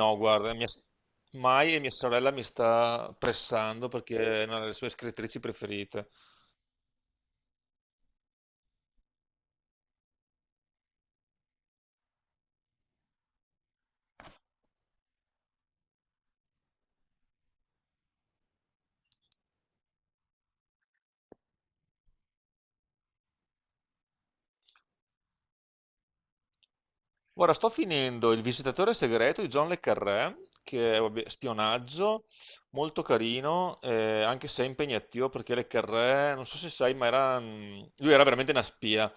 No, guarda, mai e mia sorella mi sta pressando perché è una delle sue scrittrici preferite. Ora sto finendo Il visitatore segreto di John le Carré, che è vabbè, spionaggio, molto carino, anche se è impegnativo perché le Carré, non so se sai, ma era, lui era veramente una spia.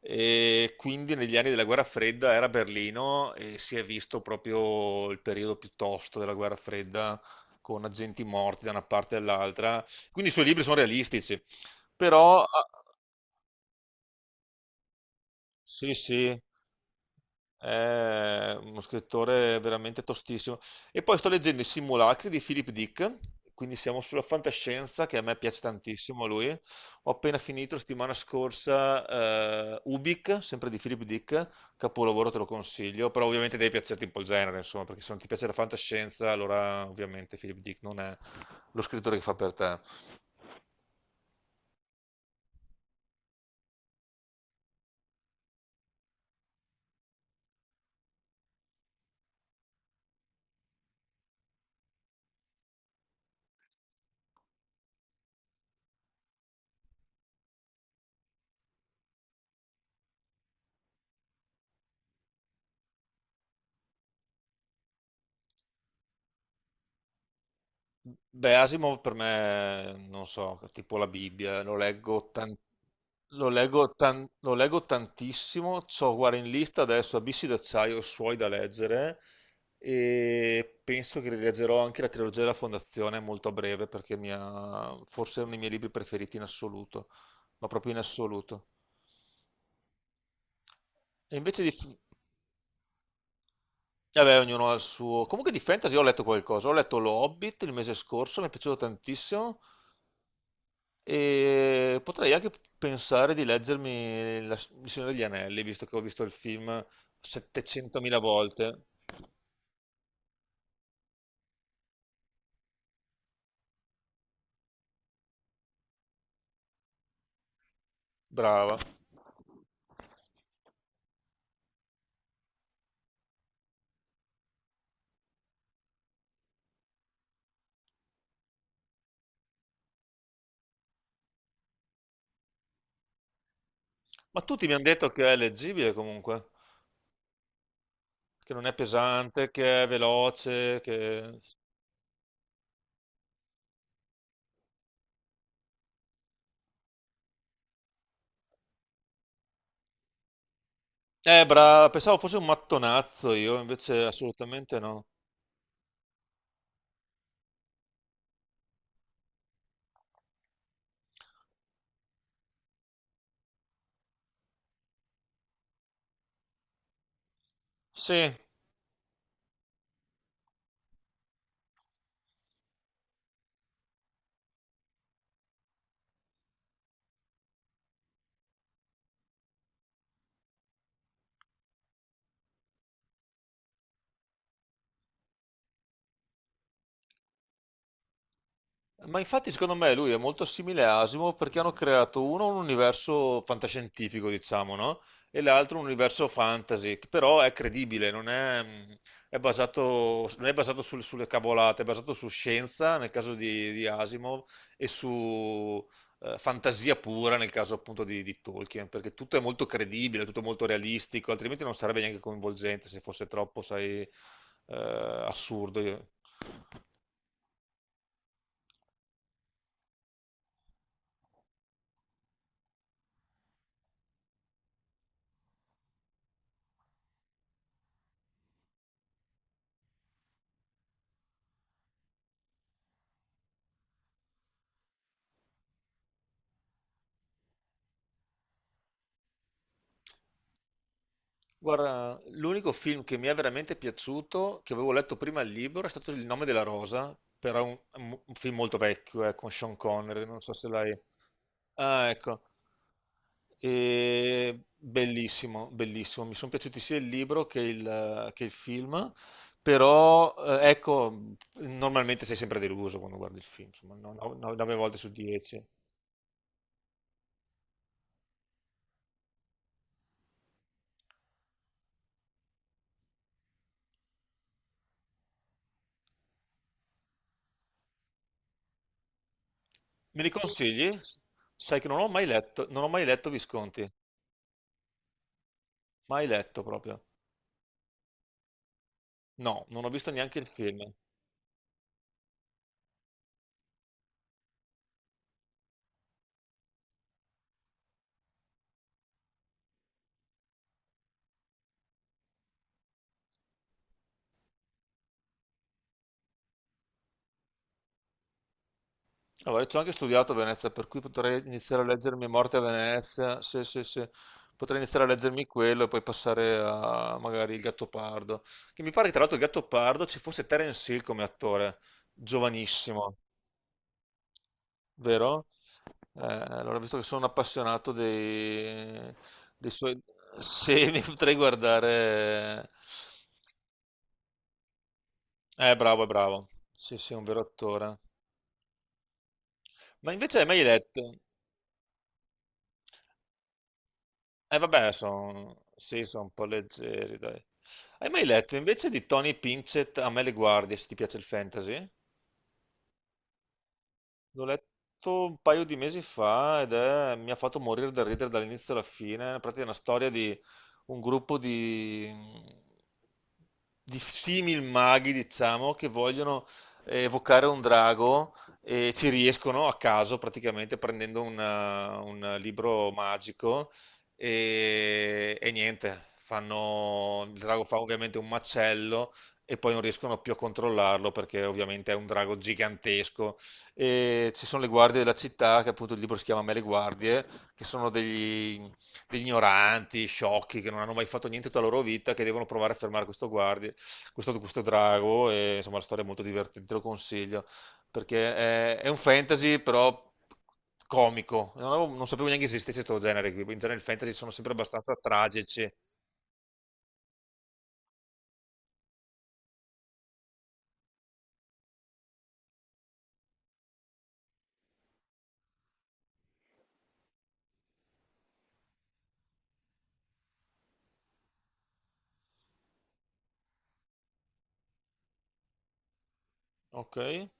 E quindi negli anni della guerra fredda era a Berlino e si è visto proprio il periodo più tosto della guerra fredda con agenti morti da una parte e dall'altra. Quindi i suoi libri sono realistici, però sì, sì. È uno scrittore veramente tostissimo. E poi sto leggendo I Simulacri di Philip Dick, quindi siamo sulla fantascienza, che a me piace tantissimo lui. Ho appena finito la settimana scorsa Ubik, sempre di Philip Dick, capolavoro te lo consiglio, però ovviamente devi piacerti un po' il genere, insomma, perché se non ti piace la fantascienza, allora ovviamente Philip Dick non è lo scrittore che fa per te. Beh, Asimov per me, non so, tipo la Bibbia, lo leggo tantissimo, c'ho guarda in lista adesso Abissi d'acciaio e suoi da leggere e penso che rileggerò anche la trilogia della Fondazione molto a breve perché forse è uno dei miei libri preferiti in assoluto, ma proprio in assoluto. E invece di... Vabbè, ognuno ha il suo... Comunque di fantasy ho letto qualcosa, ho letto Lo Hobbit il mese scorso, mi è piaciuto tantissimo. E potrei anche pensare di leggermi La il Signore degli Anelli, visto che ho visto il film 700.000 volte. Brava. Ma tutti mi hanno detto che è leggibile comunque, che non è pesante, che è veloce, che... brava, pensavo fosse un mattonazzo io, invece assolutamente no. Sì, ma infatti secondo me lui è molto simile a Asimov perché hanno creato uno un universo fantascientifico, diciamo, no? E l'altro un universo fantasy, che però è credibile, non è, è basato, non è basato sul- sulle cavolate, è basato su scienza nel caso di Asimov e su fantasia pura nel caso appunto di Tolkien, perché tutto è molto credibile, tutto molto realistico, altrimenti non sarebbe neanche coinvolgente se fosse troppo, sai, assurdo. Guarda, l'unico film che mi è veramente piaciuto, che avevo letto prima il libro, è stato Il nome della rosa, però un film molto vecchio, con Sean Connery, non so se l'hai... Ah, ecco. E bellissimo, bellissimo. Mi sono piaciuti sia il libro che il film, però ecco, normalmente sei sempre deluso quando guardi il film, insomma, nove volte su dieci. Me li consigli? Sai che non ho mai letto, non ho mai letto Visconti, mai letto proprio. No, non ho visto neanche il film. Allora, ci ho anche studiato a Venezia, per cui potrei iniziare a leggermi Morte a Venezia. Sì, sì, sì. Potrei iniziare a leggermi quello e poi passare a magari il Gattopardo. Che mi pare che tra l'altro il Gattopardo ci fosse Terence Hill come attore, giovanissimo, vero? Allora, visto che sono un appassionato dei, dei suoi... Sì, mi potrei guardare... bravo, è bravo. Sì, sì, è un vero attore. Ma invece hai mai letto? E vabbè, sono sì, sono un po' leggeri, dai. Hai mai letto invece di Tony Pinchet A me le guardie, se ti piace il fantasy? L'ho letto un paio di mesi fa ed mi ha fatto morire da ridere dall'inizio alla fine. Praticamente è una storia di un gruppo di simil maghi, diciamo, che vogliono evocare un drago e ci riescono a caso, praticamente prendendo un libro magico e niente. Fanno, il drago fa ovviamente un macello e poi non riescono più a controllarlo perché ovviamente è un drago gigantesco e ci sono le guardie della città, che appunto il libro si chiama Me le guardie, che sono degli, degli ignoranti, sciocchi, che non hanno mai fatto niente tutta la loro vita, che devono provare a fermare questo, guardie, questo drago, e insomma la storia è molto divertente, te lo consiglio, perché è un fantasy però comico, non, non sapevo neanche esistesse questo genere qui, in genere il fantasy sono sempre abbastanza tragici. Ok?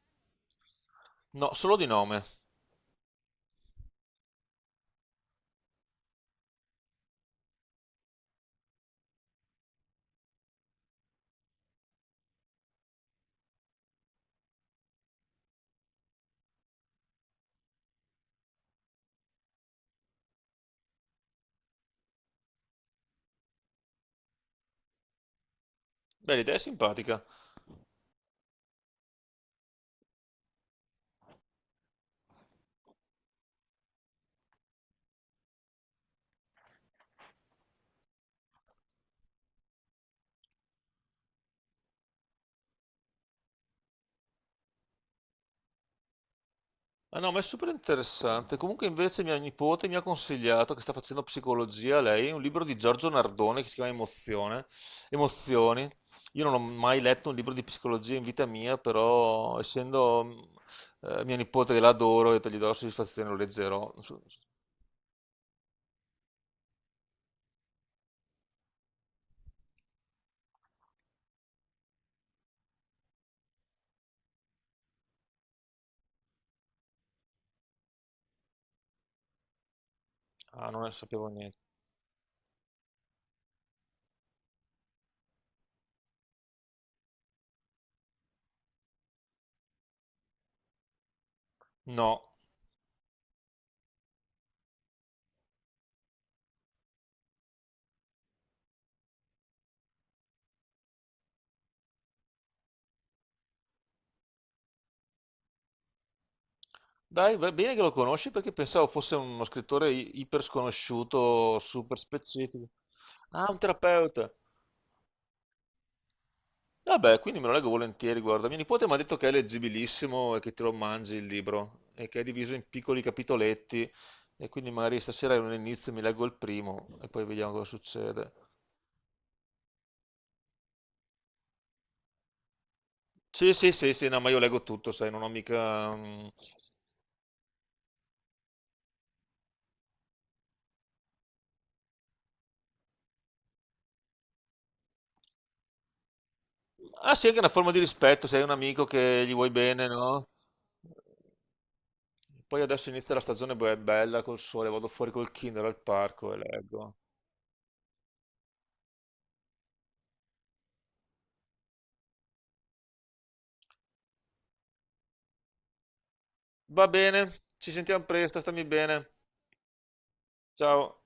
No, solo di nome. Beh, l'idea è simpatica. Ah no, ma è super interessante. Comunque invece mia nipote mi ha consigliato, che sta facendo psicologia lei, un libro di Giorgio Nardone che si chiama Emozione, Emozioni. Io non ho mai letto un libro di psicologia in vita mia, però essendo mia nipote che l'adoro, ho detto gli do la soddisfazione, lo leggerò. Non so... Ah, non ne sapevo niente. No. Dai, va bene che lo conosci perché pensavo fosse uno scrittore iper sconosciuto, super specifico. Ah, un terapeuta. Vabbè, quindi me lo leggo volentieri, guarda. Mio nipote mi ha detto che è leggibilissimo e che te lo mangi il libro e che è diviso in piccoli capitoletti e quindi magari stasera non inizio, mi leggo il primo e poi vediamo cosa succede. Sì, sì, sì, sì, no, ma io leggo tutto, sai, non ho mica... mm. Ah sì, anche una forma di rispetto, sei un amico che gli vuoi bene, no? Poi adesso inizia la stagione bella col sole, vado fuori col Kindle al parco e leggo. Va bene, ci sentiamo presto, stammi bene. Ciao.